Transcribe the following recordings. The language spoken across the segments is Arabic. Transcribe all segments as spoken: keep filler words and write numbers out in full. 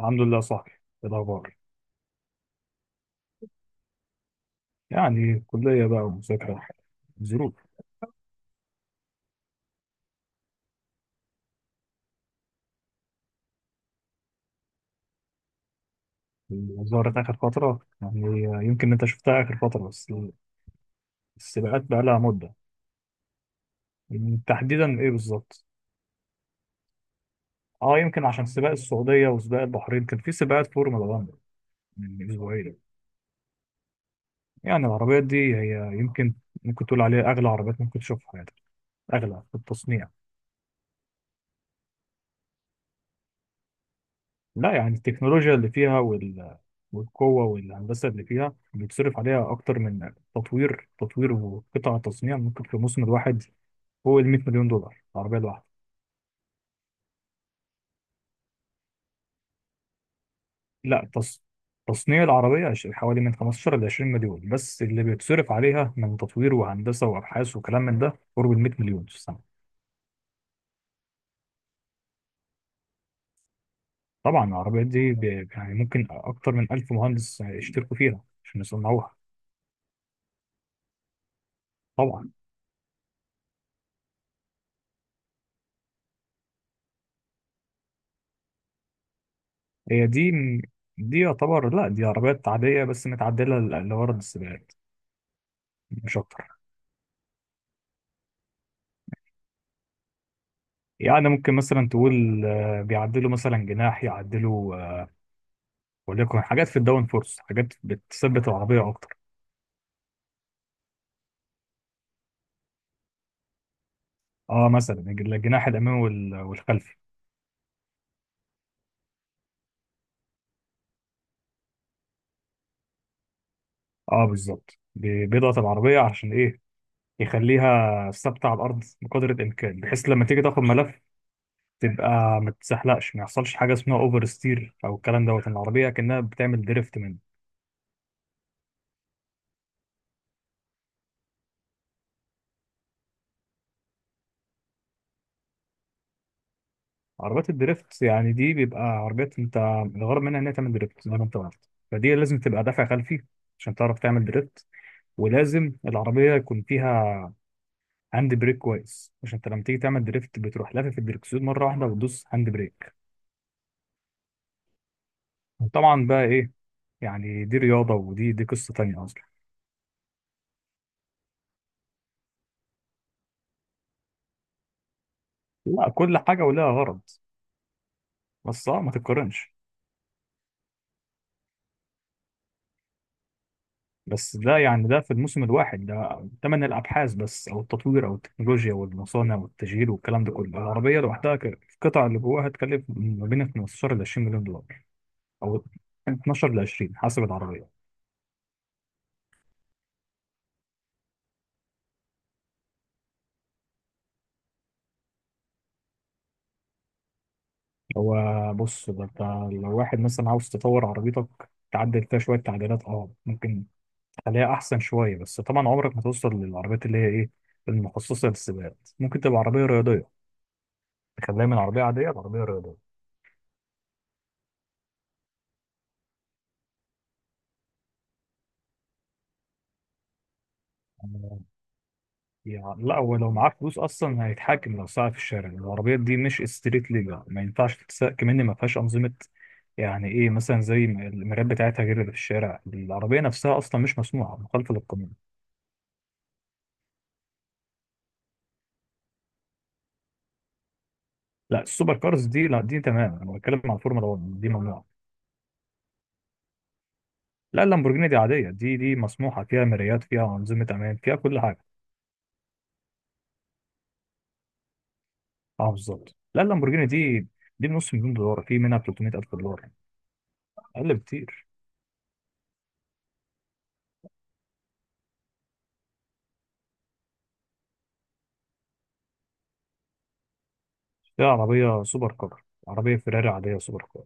الحمد لله صاحبي. إيه الأخبار؟ يعني كلية بقى ومذاكرة ظروف. ظهرت آخر فترة، يعني يمكن أنت شفتها آخر فترة بس. السباقات بقى لها مدة. تحديدا إيه بالظبط؟ أه يمكن عشان سباق السعودية وسباق البحرين، كان في سباقات فورمولا واحد من أسبوعين. يعني العربيات دي هي يمكن ممكن تقول عليها أغلى عربيات ممكن تشوفها في حياتك، أغلى في التصنيع. لا يعني التكنولوجيا اللي فيها وال... والقوة والهندسة اللي فيها بيتصرف عليها أكتر من تطوير تطوير وقطع تصنيع ممكن في الموسم الواحد فوق ال مائة مليون دولار العربية الواحدة. لا تص... تصنيع العربية عش- حوالي من خمسة عشر ل عشرين مليون، بس اللي بيتصرف عليها من تطوير وهندسة وأبحاث وكلام من ده قرب ال مائة مليون في السنة. طبعا العربيات دي ب... يعني ممكن أكتر من ألف مهندس يشتركوا فيها عشان يصنعوها. طبعا هي دي دي يعتبر لا، دي عربيات عادية بس متعدلة ل- لغرض السباقات مش أكتر. يعني ممكن مثلا تقول آه، بيعدلوا مثلا جناح يعدلوا آه، وليكن حاجات في الداون فورس، حاجات بتثبت العربية أكتر. اه، مثلا الج- الجناح الأمامي وال- والخلفي. اه بالظبط، بي- بيضغط العربية عشان إيه، يخليها ثابتة على الأرض بقدر الإمكان، بحيث لما تيجي تاخد ملف تبقى ما تتزحلقش، ما يحصلش حاجة اسمها أوفر ستير أو الكلام دوت إن العربية كأنها بتعمل دريفت. عربيات الدريفت يعني دي بيبقى عربيات انت الغرض منها ان هي تعمل دريفت زي ما انت قلت، فدي لازم تبقى دافع خلفي عشان تعرف تعمل دريفت. ولازم العربية يكون فيها هاند بريك كويس، عشان انت لما تيجي تعمل دريفت بتروح لافف الدركسيون مرة واحدة وتدوس هاند بريك. طبعا بقى ايه، يعني دي رياضة، ودي دي قصة تانية اصلا. لا، كل حاجة ولها غرض. بس اه ما تتقارنش. بس ده يعني ده في الموسم الواحد، ده تمن الابحاث بس او التطوير او التكنولوجيا والمصانع والتشغيل والكلام ده كله. العربيه لوحدها ك- القطع اللي جواها هتكلف ما بين خمسة عشر ل عشرين مليون دولار، او اتناشر ل عشرين حسب العربيه. هو بص، ده انت لو واحد مثلا عاوز تطور عربيتك، تعدل فيها شويه تعديلات اه ممكن، تخليها احسن شويه، بس طبعا عمرك ما توصل للعربيات اللي هي ايه، المخصصه للسباقات. ممكن تبقى عربيه رياضيه، تخليها من عربيه عاديه لعربيه رياضيه. يعني لا، هو لو معاه فلوس اصلا هيتحكم لو ساعة في الشارع. العربيات دي مش ستريت ليجل، ما ينفعش تتساق، كمان ما فيهاش انظمه، يعني ايه مثلا زي ما المرايات بتاعتها غير اللي في الشارع. العربيه نفسها اصلا مش مسموحه، مخالفه للقانون. لا السوبر كارز دي لا، دي تمام. انا بتكلم عن الفورمولا واحد، دي ممنوعه. لا اللامبورجيني دي عاديه، دي دي مسموحه، فيها مرايات، فيها انظمه امان، فيها كل حاجه. اه بالظبط، لا اللامبورجيني دي، دي بنص مليون دولار، في منها تلتمية ألف دولار، اقل بكتير. دي عربيه سوبر كار، عربيه فيراري عاديه سوبر كار.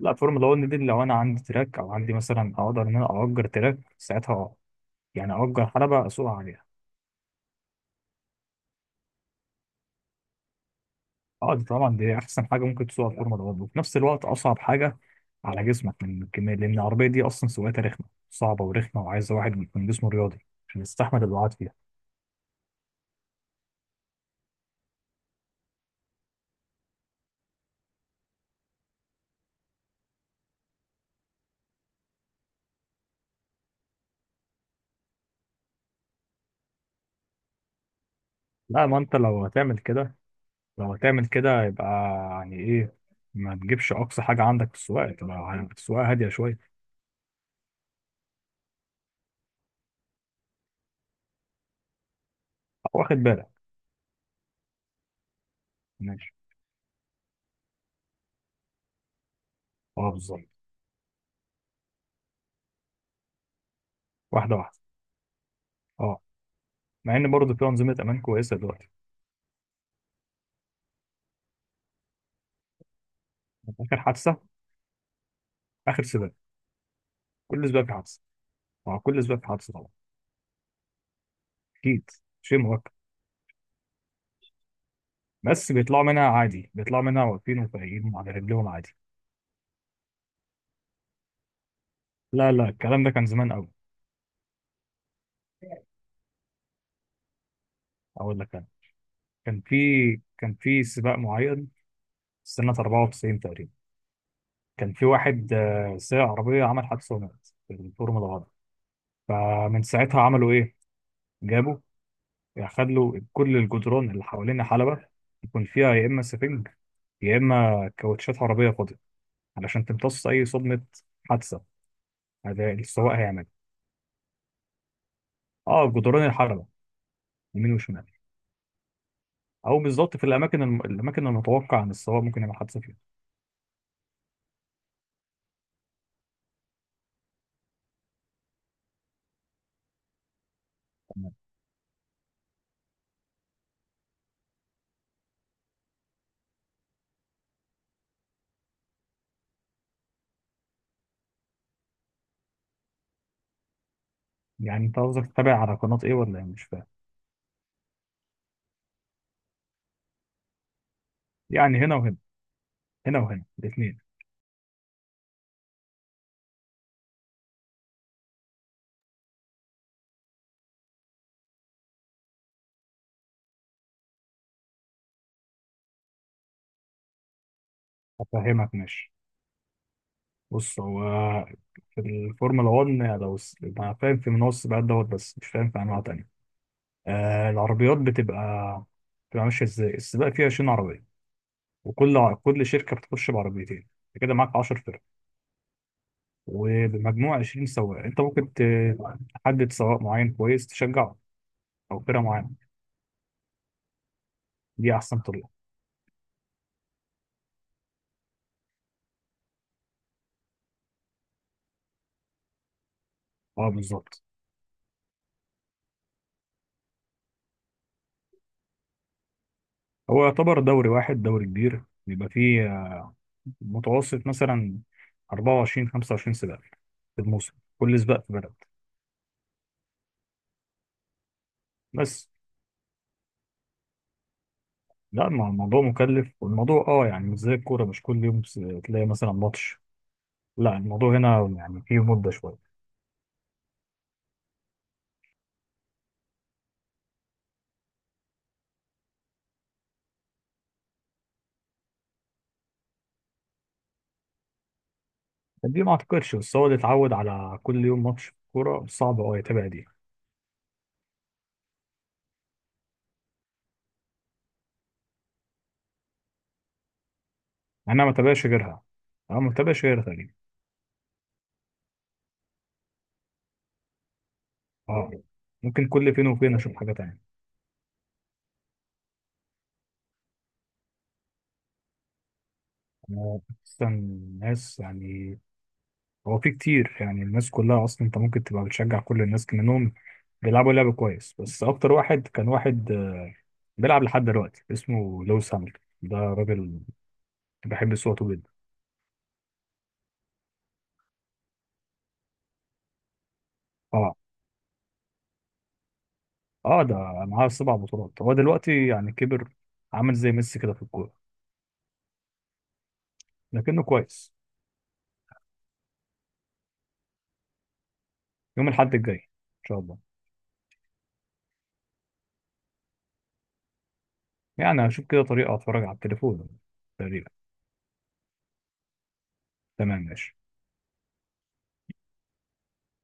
لا الفورمولا واحد دي لو انا عندي تراك، او عندي مثلا اقدر ان انا اجر تراك ساعتها، يعني اجر حلبة اسوقها عليها. اه دي طبعا دي احسن حاجة ممكن تسوقها الفورمولا واحد، وفي نفس الوقت اصعب حاجة على جسمك من الكمية، لان العربية دي اصلا سواقتها رخمة، صعبة ورخمة، وعايزة واحد يكون جسمه رياضي عشان يستحمل الوعاد فيها. لا ما انت لو هتعمل كده، لو هتعمل كده يبقى يعني ايه، ما تجيبش اقصى حاجة عندك في السواقة، تبقى السواقة هادية شوية. واخد بالك. ماشي. اه بالظبط. واحدة واحدة. اه، مع ان برضه في انظمه امان كويسه دلوقتي. اخر حادثه؟ اخر سباق، كل سباق في حادثه. مع كل سباق في حادثه طبعا. اكيد، شيء مؤكد. بس بيطلعوا منها عادي، بيطلعوا منها واقفين وفايقين على رجلهم عادي. لا لا، الكلام ده كان زمان قوي. اقول لك انا، كان في كان في سباق معين سنه أربعة وتسعين تقريبا، كان في واحد آه، سايق عربيه عمل حادثه ومات في الفورمولا واحد. فمن ساعتها عملوا ايه، جابوا، خدوا كل الجدران اللي حوالين حلبة يكون فيها يا اما سفنج يا اما كاوتشات عربيه فاضيه، علشان تمتص أي صدمة حادثة هذا السواق هيعمل. اه جدران الحلبة يمين وشمال، أو بالظبط في الأماكن الم... الأماكن المتوقع إن السواق ممكن يعمل حادثة فيها. تمام. يعني أنت قصدك تتابع على قناة إيه ولا إيه، مش فاهم. يعني هنا وهنا هنا وهنا الاتنين. أفهمك ماشي. بص هو، في الفورمولا واحد لو س- أنا فاهم في منوع السباقات دوت بس مش فاهم في أنواع تانية. آه العربيات بتبقى بتبقى ماشية إزاي، السباق فيها عشرين عربية، وكل ع- كل شركة بتخش بعربيتين، أنت كده معاك عشرة، وبمجموع عشرين سواق انت ممكن ت- تحدد سواق معين كويس تشجعه او فرقه معينه. دي احسن طريقه. اه بالظبط. هو يعتبر دوري واحد، دوري كبير بيبقى فيه متوسط مثلا أربعة وعشرين خمسة وعشرين سباق في الموسم، كل سباق في بلد. بس لا الم- الموضوع مكلف، والموضوع اه يعني مش زي الكوره، مش كل يوم س- تلاقي مثلا ماتش، لا الموضوع هنا يعني فيه مده شويه. دي ما اعتقدش، بس هو اللي اتعود على كل يوم ماتش كوره صعب اه يتابع دي. انا ما بتابعش غيرها، اه ما بتابعش غيرها تقريبا. اه ممكن كل فين وفين اشوف حاجه تانية. انا اصلا الناس يعني، هو في كتير يعني، الناس كلها اصلا انت ممكن تبقى بتشجع كل الناس منهم بيلعبوا لعب كويس، بس اكتر واحد كان واحد آه، بيلعب لحد دلوقتي اسمه لويس هامilton، ده راجل بحب صوته جدا. اه. اه ده معاه سبع بطولات، هو دلوقتي يعني كبر، عامل زي ميسي كده في الكوره، لكنه كويس. يوم الاحد الجاي ان شاء الله. يعني هشوف كده طريقه اتفرج على التليفون تقريبا. تمام ماشي.